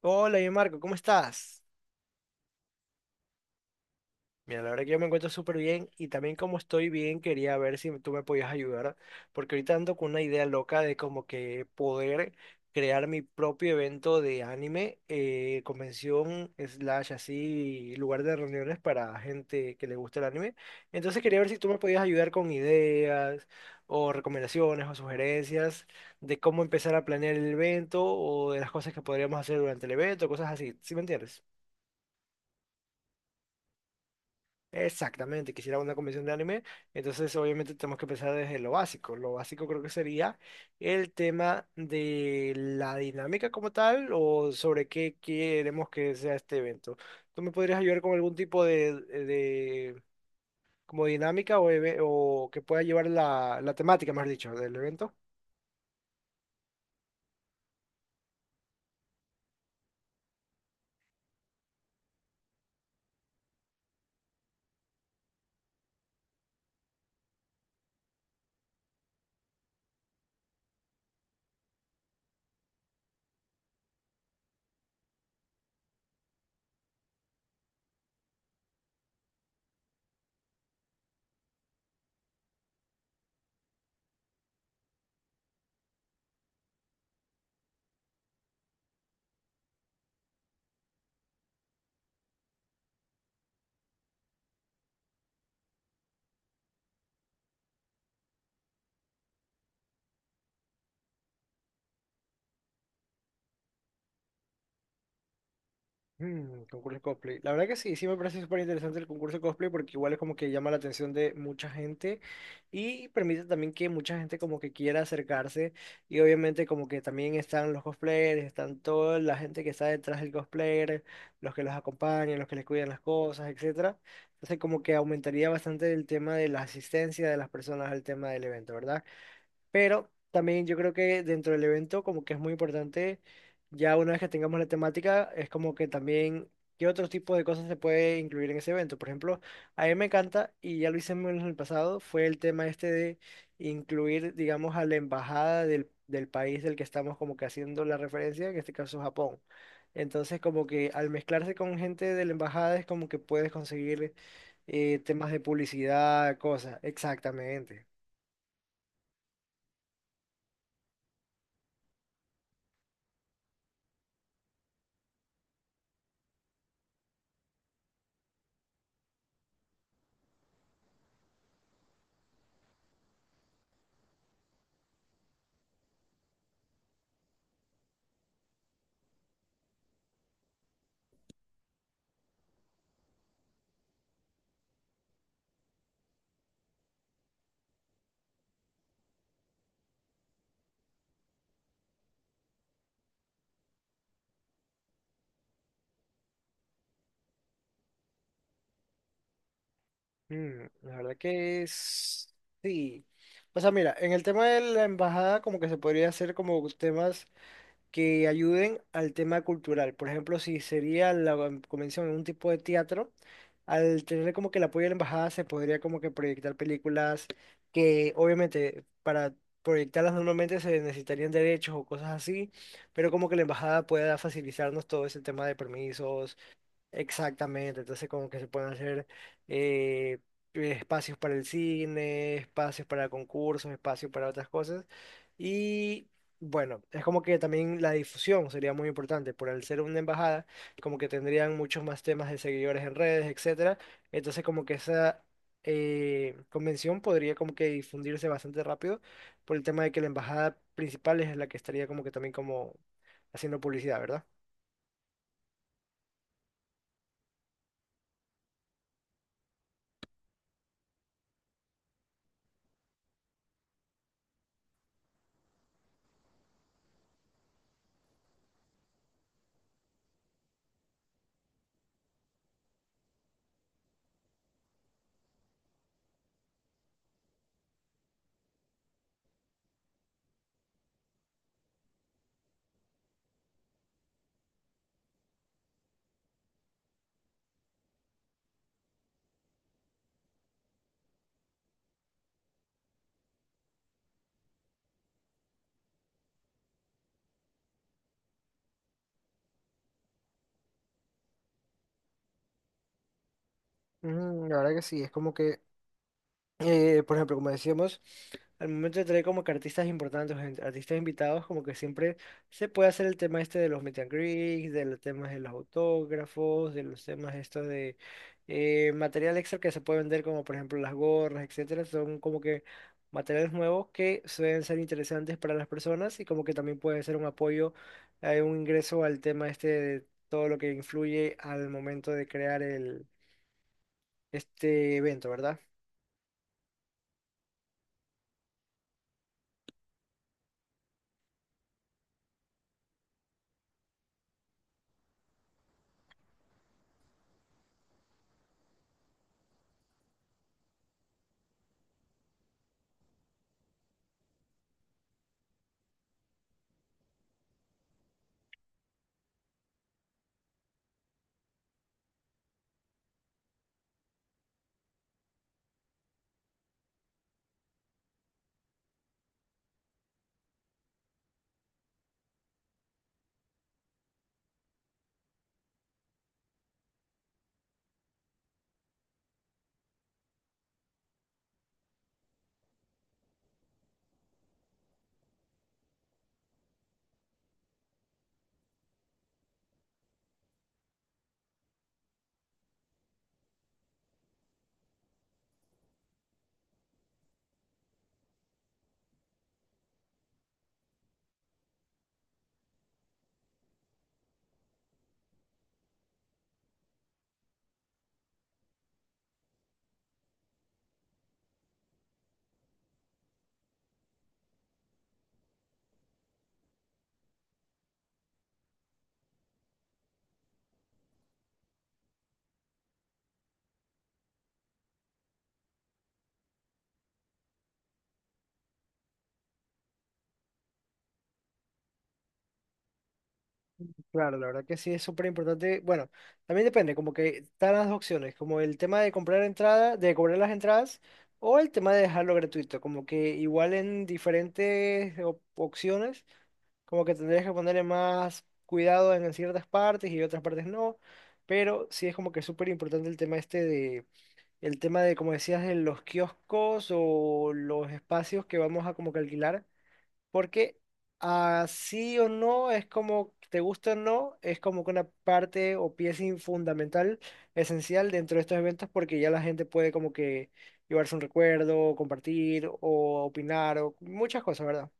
Hola, bien Marco, ¿cómo estás? Mira, la verdad que yo me encuentro súper bien y también como estoy bien, quería ver si tú me podías ayudar, porque ahorita ando con una idea loca de como que poder crear mi propio evento de anime, convención, slash, así, lugar de reuniones para gente que le gusta el anime. Entonces quería ver si tú me podías ayudar con ideas o recomendaciones o sugerencias de cómo empezar a planear el evento o de las cosas que podríamos hacer durante el evento, cosas así, ¿sí me entiendes? Exactamente, quisiera una convención de anime, entonces obviamente tenemos que empezar desde lo básico. Lo básico creo que sería el tema de la dinámica como tal o sobre qué queremos que sea este evento. ¿Tú me podrías ayudar con algún tipo de como dinámica o, o que pueda llevar la temática, más dicho, del evento? Mm, concurso de cosplay. La verdad que sí, sí me parece súper interesante el concurso de cosplay porque igual es como que llama la atención de mucha gente y permite también que mucha gente como que quiera acercarse y obviamente como que también están los cosplayers, están toda la gente que está detrás del cosplayer, los que los acompañan, los que les cuidan las cosas, etcétera. Entonces como que aumentaría bastante el tema de la asistencia de las personas al tema del evento, ¿verdad? Pero también yo creo que dentro del evento como que es muy importante, ya una vez que tengamos la temática, es como que también qué otro tipo de cosas se puede incluir en ese evento. Por ejemplo, a mí me encanta, y ya lo hicimos en el pasado, fue el tema este de incluir, digamos, a la embajada del país del que estamos como que haciendo la referencia, en este caso Japón. Entonces como que al mezclarse con gente de la embajada es como que puedes conseguir temas de publicidad, cosas. Exactamente. Mm, la verdad que es... Sí. O sea, mira, en el tema de la embajada como que se podría hacer como temas que ayuden al tema cultural. Por ejemplo, si sería la convención en un tipo de teatro, al tener como que el apoyo de la embajada se podría como que proyectar películas que obviamente para proyectarlas normalmente se necesitarían derechos o cosas así, pero como que la embajada pueda facilitarnos todo ese tema de permisos. Exactamente, entonces como que se pueden hacer eh, espacios para el cine, espacios para concursos, espacios para otras cosas. Y bueno, es como que también la difusión sería muy importante, por al ser una embajada, como que tendrían muchos más temas de seguidores en redes, etcétera. Entonces como que esa convención podría como que difundirse bastante rápido por el tema de que la embajada principal es la que estaría como que también como haciendo publicidad, ¿verdad? Ujú. La verdad que sí, es como que por ejemplo, como decíamos, al momento de traer como que artistas importantes, gente- artistas invitados, como que siempre se puede hacer el tema este de los meet and greets, de los temas de los autógrafos, de los temas estos de material extra que se puede vender, como por ejemplo las gorras, etcétera, son como que materiales nuevos que suelen ser interesantes para las personas y como que también puede ser un apoyo, un ingreso al tema este de todo lo que influye al momento de crear el, este evento, ¿verdad? Claro, la verdad que sí es súper importante. Bueno, también depende, como que están las dos opciones, como el tema de comprar entrada, de cobrar las entradas, o el tema de dejarlo gratuito, como que igual en diferentes op- opciones, como que tendrías que ponerle más cuidado en ciertas partes y otras partes no, pero sí es como que súper importante el tema este de, el tema de, como decías, de los kioscos o los espacios que vamos a como que alquilar porque así o no, es como, te gusta o no, es como que una parte o pieza in- fundamental, esencial dentro de estos eventos, porque ya la gente puede como que llevarse un recuerdo, compartir o opinar o muchas cosas, ¿verdad?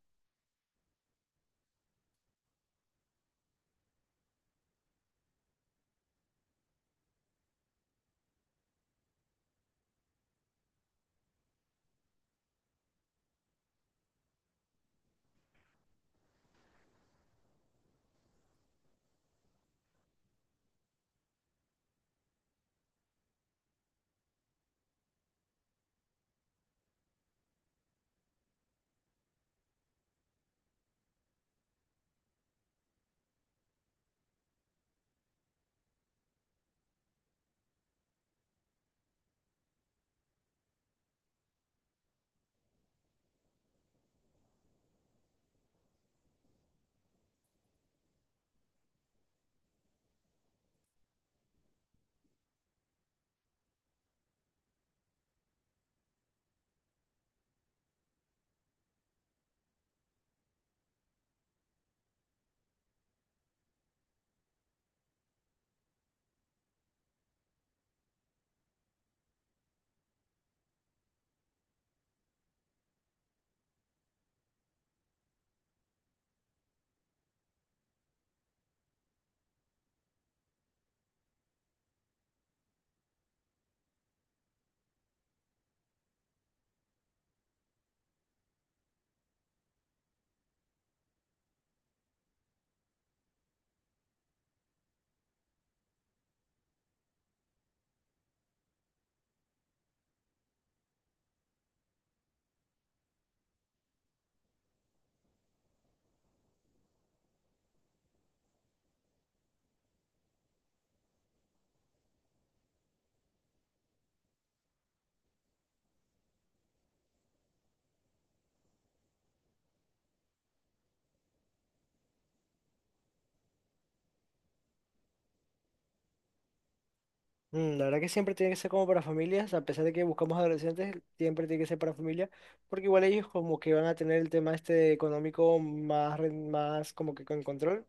Mm, la verdad que siempre tiene que ser como para familias, a pesar de que buscamos adolescentes, siempre tiene que ser para familia, porque igual ellos como que van a tener el tema este económico más, ren- más como que con control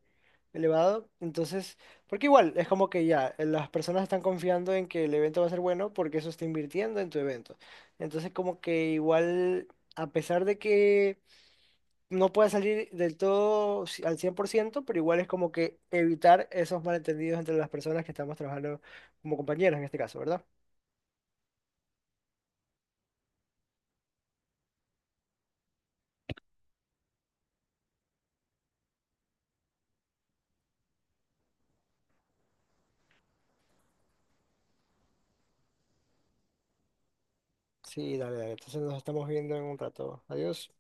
elevado. Entonces, porque igual es como que ya las personas están confiando en que el evento va a ser bueno porque eso está invirtiendo en tu evento. Entonces, como que igual, a pesar de que no puede salir del todo ci- al 100%, pero igual es como que evitar esos malentendidos entre las personas que estamos trabajando como compañeros en este caso, ¿verdad? Sí, dale, dale. Entonces nos estamos viendo en un rato. Adiós.